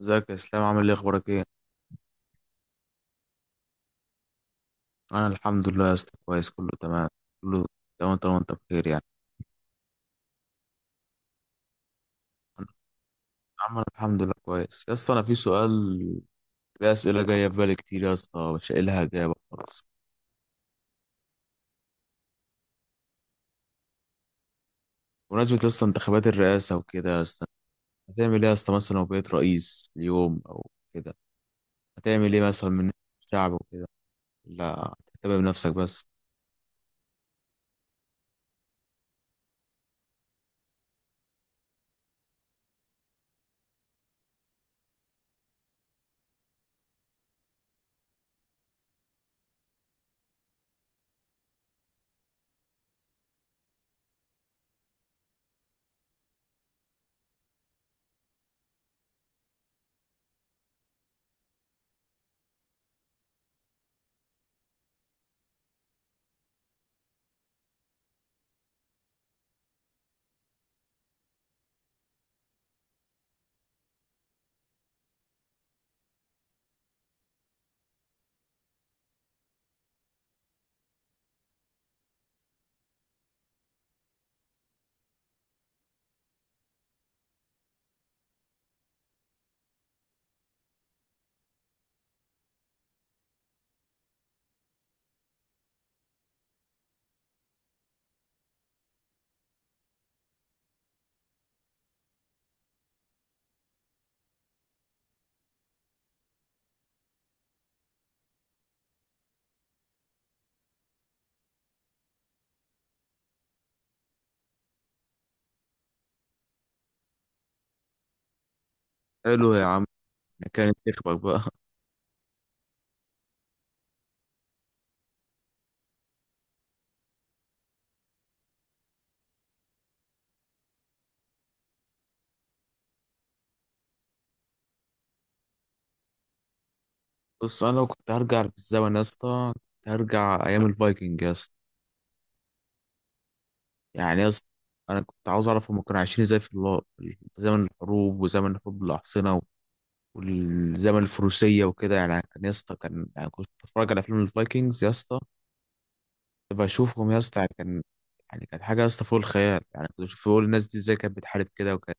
ازيك يا اسلام؟ عامل ايه؟ اخبارك ايه؟ انا الحمد لله يا اسطى، كويس، كله تمام كله تمام طالما انت بخير يعني. عمل الحمد لله كويس يا اسطى. انا في سؤال، في اسئله جايه في بالي كتير يا اسطى مش قايل لها اجابه خالص. بمناسبه يا اسطى انتخابات الرئاسه وكده، يا اسطى هتعمل ايه يا اسطى؟ مثلا لو بقيت رئيس اليوم او كده، هتعمل ايه مثلا من الشعب وكده؟ لا هتهتم بنفسك بس؟ حلو يا عم، كانت تخبك بقى بص، انا لو كنت هرجع في الزمن يا اسطى، كنت هرجع ايام الفايكنج يا اسطى. يعني يا اسطى انا كنت عاوز اعرف هم كانوا عايشين ازاي في الله، زمن الحروب وزمن حروب الاحصنه والزمن الفروسيه وكده. يعني كان يا اسطى، كان يعني كنت بتفرج على فيلم الفايكنجز يا اسطى، كنت بشوفهم يا اسطى، يعني كان، يعني كانت حاجه يا اسطى فوق الخيال. يعني كنت بشوف بقول الناس دي ازاي كانت بتحارب كده، وكانت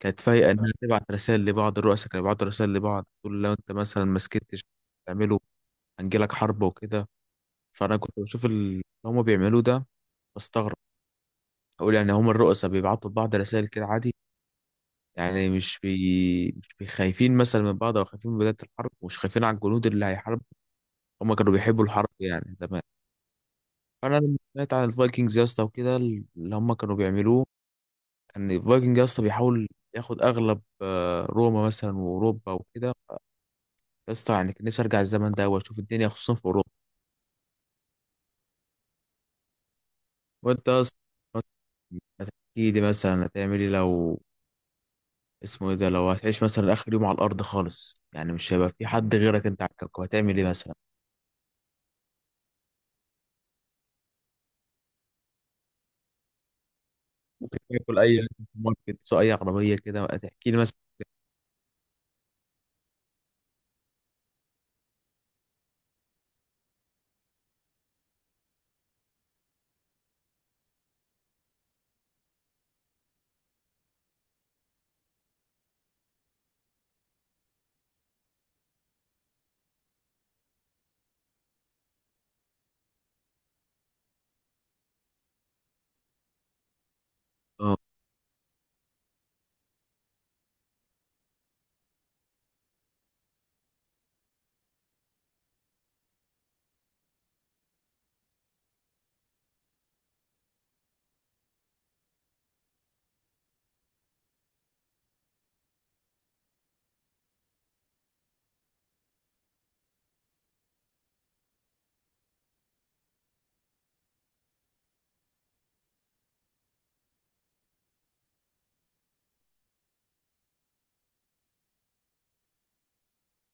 كانت فايقه انها تبعت رسائل لبعض. الرؤساء كانوا بيبعتوا رسائل لبعض، تقول لو انت مثلا ما سكتش تعمله هنجيلك حرب وكده. فانا كنت بشوف اللي هم بيعملوه ده، بستغرب اقول يعني هم الرؤساء بيبعتوا لبعض رسائل كده عادي؟ يعني مش خايفين مثلا من بعض، او خايفين من بداية الحرب، ومش خايفين على الجنود اللي هيحاربوا. هم كانوا بيحبوا الحرب يعني زمان. فانا لما سمعت عن الفايكنجز يا اسطى وكده اللي هم كانوا بيعملوه، كان الفايكنج يا اسطى بيحاول ياخد اغلب روما مثلا واوروبا وكده يا اسطى. يعني كان نفسي ارجع الزمن ده واشوف الدنيا، خصوصا في اوروبا. وانت يا اسطى احكي لي، مثلا هتعمل ايه لو اسمه ايه ده، لو هتعيش مثلا اخر يوم على الارض خالص، يعني مش هيبقى في حد غيرك انت على الكوكب، هتعمل ايه مثلا؟ اكل اي أكل في الماركت، سواء اي عربيه كده بقى، تحكي لي مثلا. اه،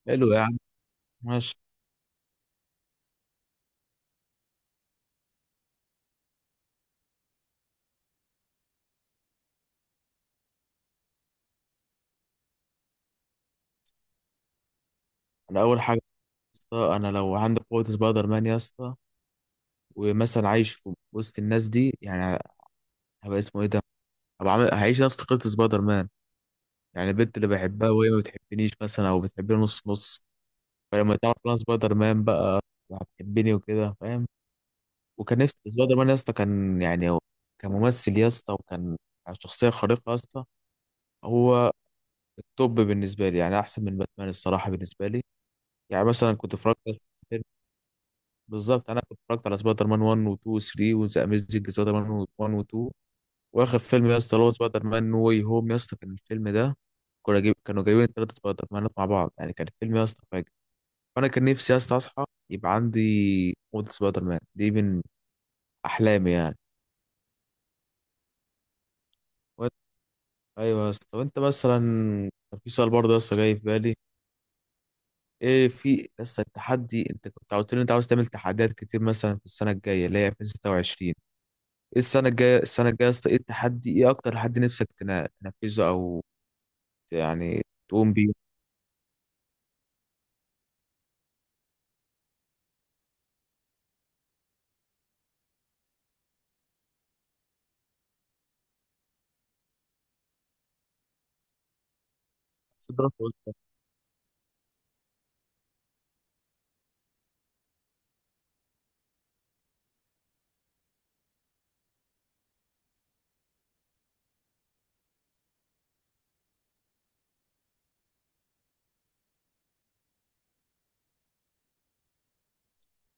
حلو يا عم، ماشي. انا اول حاجه يا اسطى، انا لو عندي قوه سبايدر مان يا اسطى، ومثلا عايش في وسط الناس دي يعني، هبقى اسمه ايه ده، هبقى عامل هعيش نفس قصه سبايدر مان. يعني البنت اللي بحبها وهي ما بتحبنيش مثلا، او بتحبني نص نص، فلما تعرف ان انا سبايدر مان بقى، هتحبني وكده، فاهم. وكان نفسي سبايدر مان يا اسطى، كان يعني هو كممثل يا اسطى، وكان شخصيه خارقه يا اسطى، هو التوب بالنسبه لي يعني، احسن من باتمان الصراحه بالنسبه لي. يعني مثلا بالظبط انا كنت اتفرجت على سبايدر مان 1 و 2 و 3 وذا اميزنج سبايدر مان 1 و 2. واخر فيلم يا اسطى اللي هو سبايدر مان نو واي هوم يا اسطى، كان الفيلم ده كانوا جايبين ثلاث سبايدر مانات مع بعض، يعني كان الفيلم يا اسطى فاجر. فانا كان نفسي يا اسطى اصحى يبقى عندي قوه سبايدر مان، دي من احلامي يعني. وأنت- ايوه يا اسطى. طب انت مثلا، كان في سؤال برضه يا اسطى جاي في بالي، ايه في لسه التحدي؟ انت كنت قلت لي انت عاوز تعمل تحديات كتير مثلا في السنه الجايه اللي هي 2026. ايه السنه الجايه يا اسطى ايه التحدي؟ ايه اكتر تحدي نفسك تنفذه، او يعني تقوم بيه؟ تضرب فوق.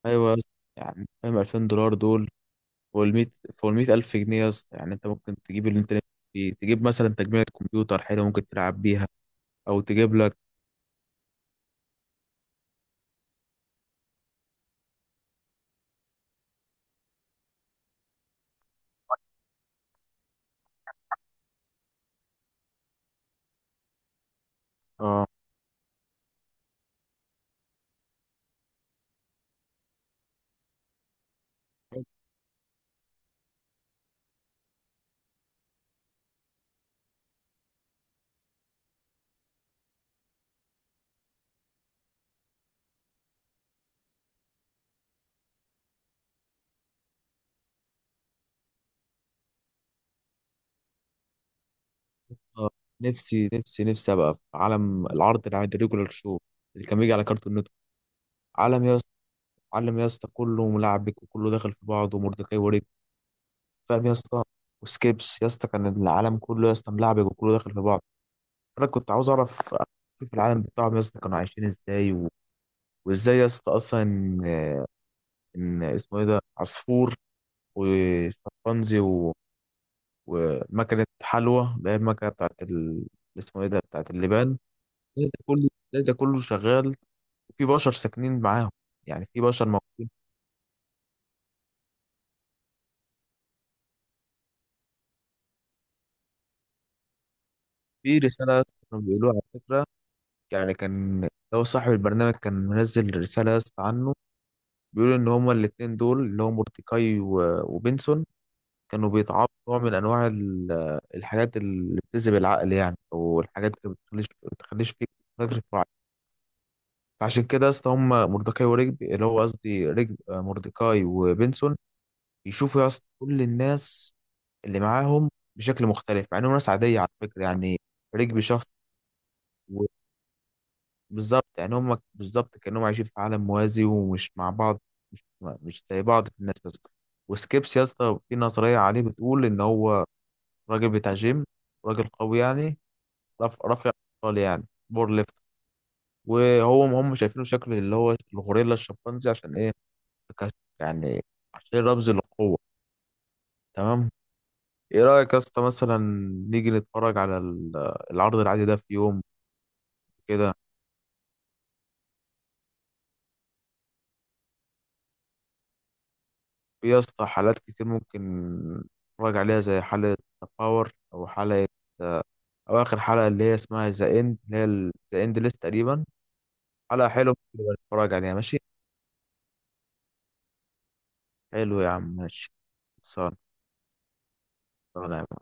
ايوه يا اسطى. يعني فاهم $2000 دول فوق ال 100، فوق ال 100000 جنيه يا اسطى. يعني انت ممكن تجيب اللي انت نفسك فيه، تجيب مثلا تجميع كمبيوتر حلو ممكن تلعب بيها، او تجيب لك. اه. آه، نفسي ابقى في عالم العرض اللي عند ريجولار شو، اللي كان بيجي على كارتون نتورك. عالم يا علم يا اسطى كله ملعبك وكله داخل في بعض، ومردكاي وريك، فاهم يا اسطى؟ وسكيبس يا اسطى، كان العالم كله يا اسطى ملعبك وكله داخل في بعض. انا كنت عاوز اعرف اشوف العالم بتاعهم يا اسطى، كانوا عايشين ازاي وازاي يا اسطى اصلا إن اسمه ايه ده عصفور وشمبانزي ومكنه حلوى، اللي هي المكنه بتاعت اللي اسمه ايه ده بتاعت اللبان. إزاي ده كله إزاي ده كله شغال وفي بشر ساكنين معاهم؟ يعني في بشر موجودين. في رساله يا اسطى كانوا بيقولوها على فكره، يعني كان لو صاحب البرنامج كان منزل رسالة يا اسطى عنه، بيقول إن هما الاتنين دول اللي هو مورتيكاي وبنسون كانوا بيتعاطوا نوع من أنواع الحاجات اللي بتذهب العقل يعني، أو الحاجات اللي بتخليش فيك فاكر في الوعي. فعشان كده يا اسطى هما مورتيكاي ورجب اللي هو قصدي رجب مورتيكاي وبنسون بيشوفوا يا اسطى كل الناس اللي معاهم بشكل مختلف، مع إنهم ناس عادية على فكرة يعني. رجب شخص، بالظبط يعني، هم بالظبط كأنهم عايشين في عالم موازي ومش مع بعض، مش زي بعض في الناس بس. وسكيبس يا اسطى في نظرية عليه بتقول إن هو راجل بتاع جيم، راجل قوي يعني، رافع أثقال يعني، بور ليفت، وهو هم شايفينه شكل اللي هو الغوريلا الشمبانزي عشان إيه؟ كش- يعني عشان رمز للقوة. تمام. إيه رأيك يا اسطى مثلا نيجي نتفرج على العرض العادي ده في يوم كده؟ في يا اسطى حالات كتير ممكن نراجع عليها، زي حالة باور، أو حالة آه، أو آخر حلقة اللي هي اسمها ذا إند، اللي هي ذا إند ليست تقريبا حلقة حلوة، ممكن نبقى نتفرج عليها، ماشي. حلو يا عم، ماشي. خلصان. خلصان يا عم.